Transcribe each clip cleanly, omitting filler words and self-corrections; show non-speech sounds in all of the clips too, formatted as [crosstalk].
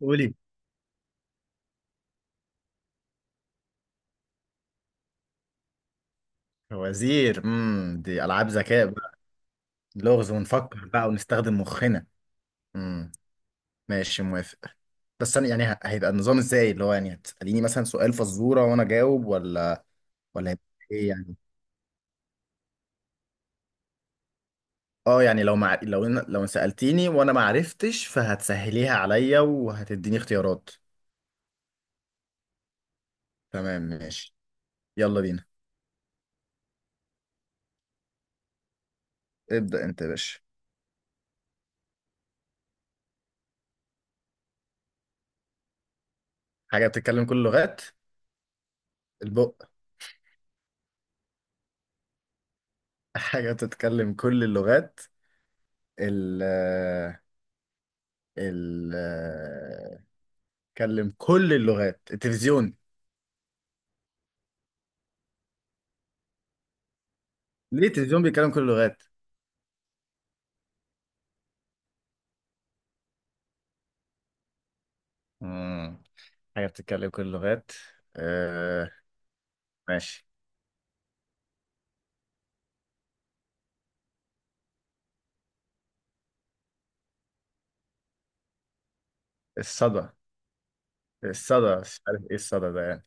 قولي. وزير دي العاب ذكاء بقى. لغز ونفكر بقى ونستخدم مخنا. امم ماشي، موافق. بس انا يعني هيبقى النظام ازاي، اللي هو يعني هتساليني مثلا سؤال فزوره وانا اجاوب، ولا هيبقى ايه يعني؟ اه يعني لو مع... لو إن... لو سالتيني وانا ما عرفتش فهتسهليها عليا وهتديني اختيارات. تمام ماشي. يلا بينا. ابدا انت يا باشا. حاجه بتتكلم كل اللغات. البق. [laughs] حاجه بتتكلم كل اللغات. ال ال بيتكلم كل اللغات، التلفزيون. ليه التلفزيون بيتكلم كل اللغات؟ مم. حاجة بتتكلم كل اللغات. آه ماشي. الصدى؟ الصدى مش عارف ايه الصدى ده يعني.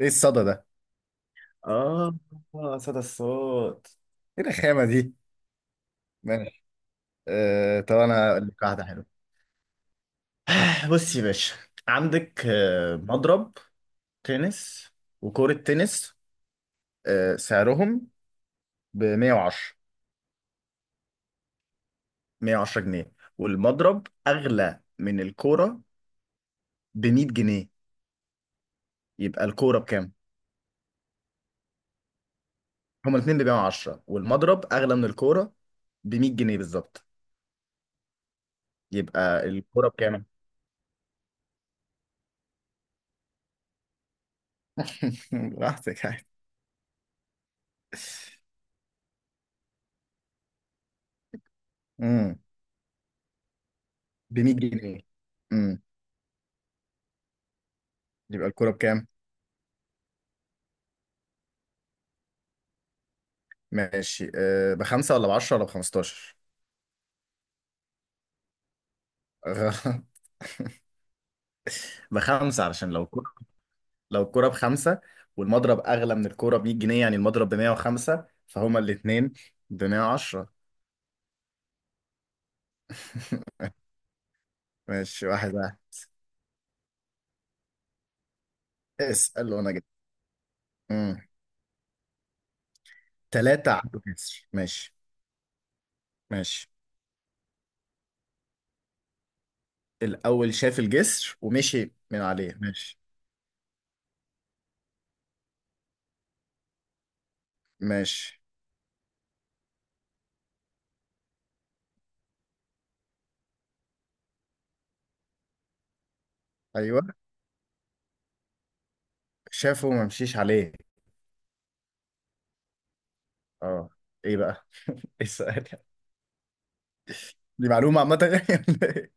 ايه الصدى ده؟ اه. صدى الصوت. ايه الرخامة دي؟ ماشي. آه طب انا هقول لك واحدة حلوة. [sighs] بص يا باشا، عندك مضرب تنس وكرة تنس. سعرهم ب 110. 110 جنيه، والمضرب أغلى من الكورة ب 100 جنيه. يبقى الكوره بكام؟ هما الاثنين بيبيعوا 10، والمضرب اغلى من الكوره ب 100 جنيه بالظبط. يبقى الكوره بكام؟ [laughs] براحتك عادي. امم. ب 100 جنيه. امم. يبقى الكوره بكام؟ ماشي، أه، بخمسه ولا بعشره ولا بخمستاشر؟ غ- [laughs] بخمسه، علشان لو الكوره، لو الكوره بخمسه والمضرب اغلى من الكوره ب 100 جنيه، يعني المضرب ب 105، فهما الاثنين ب 110. [laughs] ماشي واحد واحد. اسال وانا جاي. تلاتة عدوا جسر، ماشي ماشي. الأول شاف الجسر ومشي من عليه، ماشي ماشي. أيوه، شافه وما مشيش عليه. اه. إيه بقى؟ ايه السؤال يعني؟ دي معلومة عامة يعني ولا إيه؟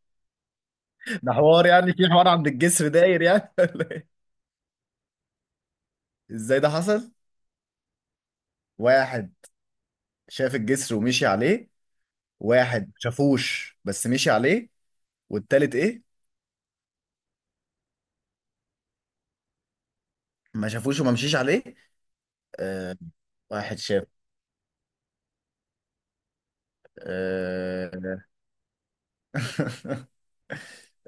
ده حوار يعني، في حوار عند الجسر داير يعني ولا إيه؟ إزاي ده حصل؟ واحد شاف الجسر ومشي عليه. واحد ما شافوش بس مشي عليه. والتالت إيه؟ ما شافوش وما مشيش عليه. آه. واحد شاف. آه. [laughs]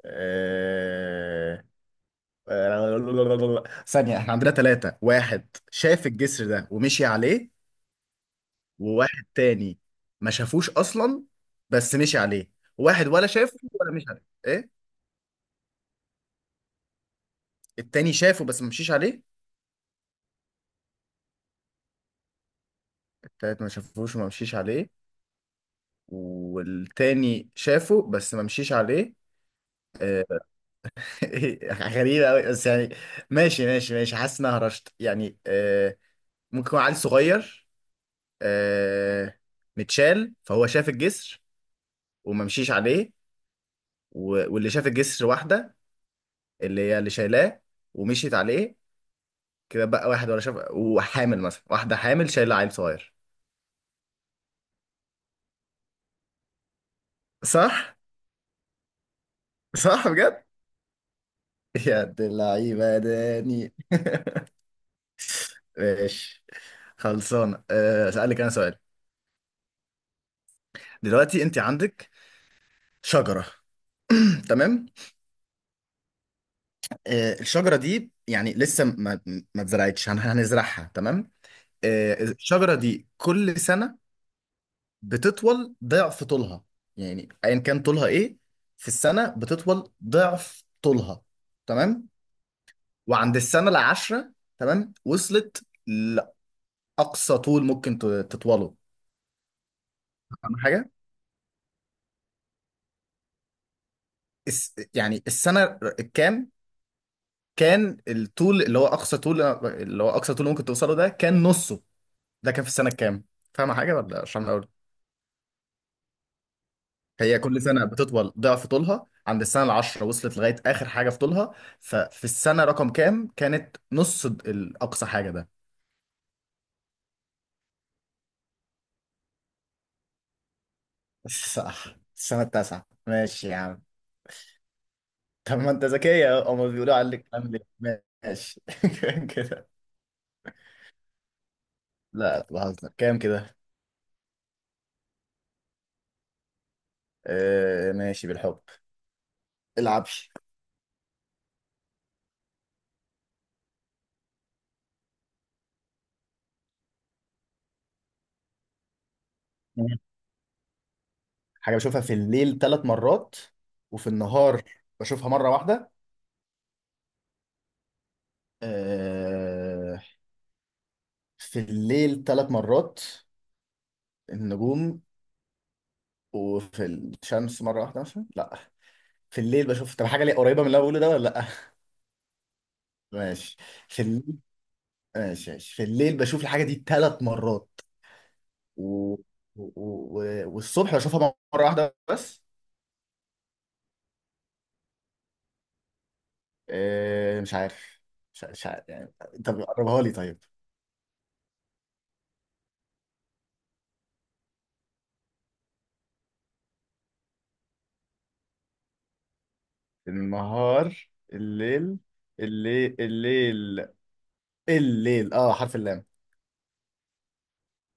آه. ثانية، احنا عندنا ثلاثة. واحد شاف الجسر ده ومشي عليه. وواحد تاني ما شافوش أصلا بس مشي عليه. واحد ولا شافه ولا مشي عليه، ايه. التاني شافه بس ما مشيش عليه. التالت ما شافوش وما مشيش عليه. والتاني شافه بس ما مشيش عليه. آه، [laughs] غريبة أوي بس يعني. ماشي ماشي ماشي. حاسس إن أنا هرشت يعني. ممكن يكون عيل صغير، آه، متشال، فهو شاف الجسر وما مشيش عليه. واللي شاف الجسر واحدة، اللي هي اللي شايلاه ومشيت عليه. كده بقى، واحد ولا شاف، وحامل، مثلا واحدة حامل شايلة عيل صغير. صح؟ صح بجد؟ [laughs] يا دي اللعيبة يا داني. ماشي. خلصانة. أه، أسألك أنا سؤال. دلوقتي أنت عندك شجرة. [clears throat] تمام؟ أه الشجرة دي يعني لسه ما اتزرعتش، هنزرعها، تمام؟ أه الشجرة دي كل سنة بتطول ضعف طولها، يعني ايا كان طولها ايه في السنه بتطول ضعف طولها. تمام. وعند السنه العاشره، تمام، وصلت لاقصى طول ممكن تطوله. فاهم حاجه؟ يعني السنه الكام كان الطول اللي هو اقصى طول، اللي هو اقصى طول ممكن توصله ده، كان نصه؟ ده كان في السنه الكام؟ فاهم حاجه ولا عشان؟ هي كل سنة بتطول ضعف طولها، عند السنة العشرة وصلت لغاية آخر حاجة في طولها، ففي السنة رقم كام كانت نص الأقصى حاجة ده؟ صح. السنة التاسعة، ماشي يا عم. طب ما أنت ذكية أهو، هما بيقولوا عليك عامل إيه؟ ماشي. [laughs] كده. لا بهزر كام كده. آه ماشي بالحب. العبش. حاجة بشوفها في الليل ثلاث مرات، وفي النهار بشوفها مرة واحدة. آه. في الليل ثلاث مرات، النجوم. وفي الشمس مرة واحدة، مثلا. لا، في الليل بشوف. طب حاجة ليه قريبة من اللي أنا بقوله ده ولا لا؟ [laughs] ماشي. في الليل. ماشي ماشي، في الليل بشوف الحاجة دي ثلاث مرات، و... و... و... والصبح بشوفها مرة واحدة بس. آه، مش عارف، مش عارف. يعني طب قربها لي طيب. النهار الليل، الليل الليل الليل اه، حرف اللام!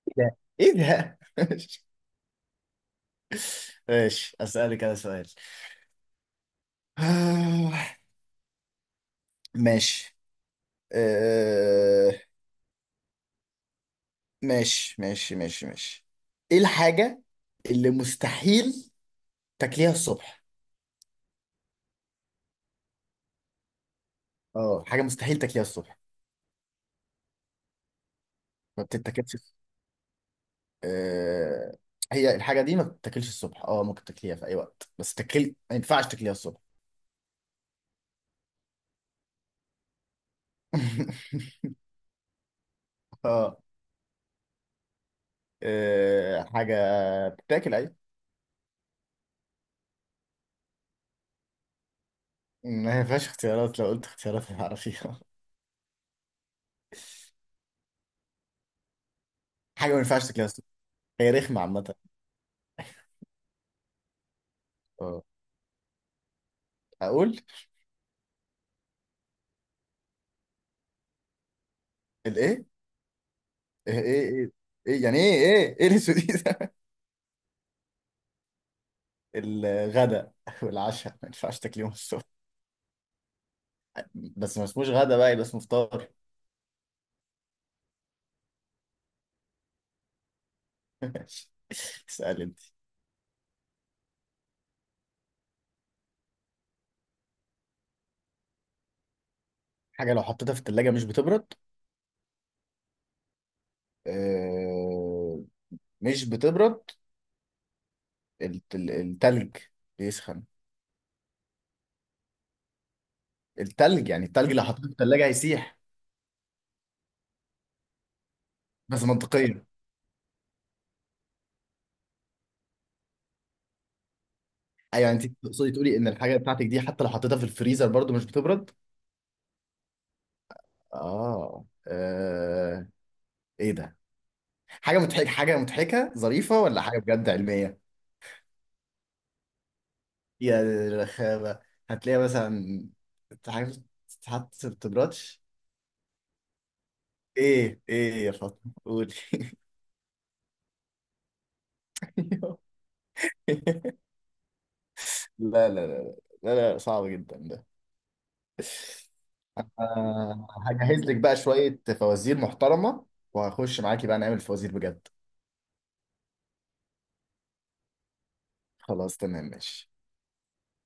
إيه ده؟ ايه ده؟ [laughs] ماشي. ماشي، اسالك انا سؤال. آه، ماشي. آه، ماشي ماشي. ايه الحاجة اللي مستحيل تاكليها الصبح؟ اه، حاجة مستحيل تاكليها الصبح، ما بتتاكلش. آه... هي الحاجة دي ما بتتاكلش الصبح، اه، ممكن تاكليها في اي وقت بس تاكل، ما ينفعش تاكليها الصبح. [laughs] اه. حاجة بتاكل ايوه. ما ينفعش اختيارات، لو قلت اختيارات هتعرفيها. [laughs] حاجة ما ينفعش تاكليها الصبح، هي رخمة عامة. اه. اقول. الايه؟ ايه ايه ايه. إيه؟ يعني ايه ايه ايه الاسود دي؟ [laughs] الغداء [laughs] والعشاء ما ينفعش تاكليهم الصبح. بس ما اسموش غدا بقى، يبقى اسمه فطار. [laughs] اسأل انت. حاجة لو حطيتها في التلاجة مش بتبرد. آه، مش بتبرد. التلج بيسخن. التلج يعني، التلج لو حطيته في التلاجة هيسيح. بس منطقيا ايوه، يعني انت تقصدي تقولي ان الحاجة بتاعتك دي حتى لو حطيتها في الفريزر برضو مش بتبرد. اه, آه. ايه ده؟ حاجة مضحكة، حاجة مضحكة ظريفة ولا حاجة بجد علمية؟ يا رخامة. هتلاقي مثلا حاجة تتحط في التبراتش. ايه ايه يا فاطمة قولي. [laughs] لا لا لا، صعب جدا ده. هجهز لك بقى شوية فوازير محترمة، وهخش معاكي بقى نعمل فوازير بجد. خلاص تمام ماشي.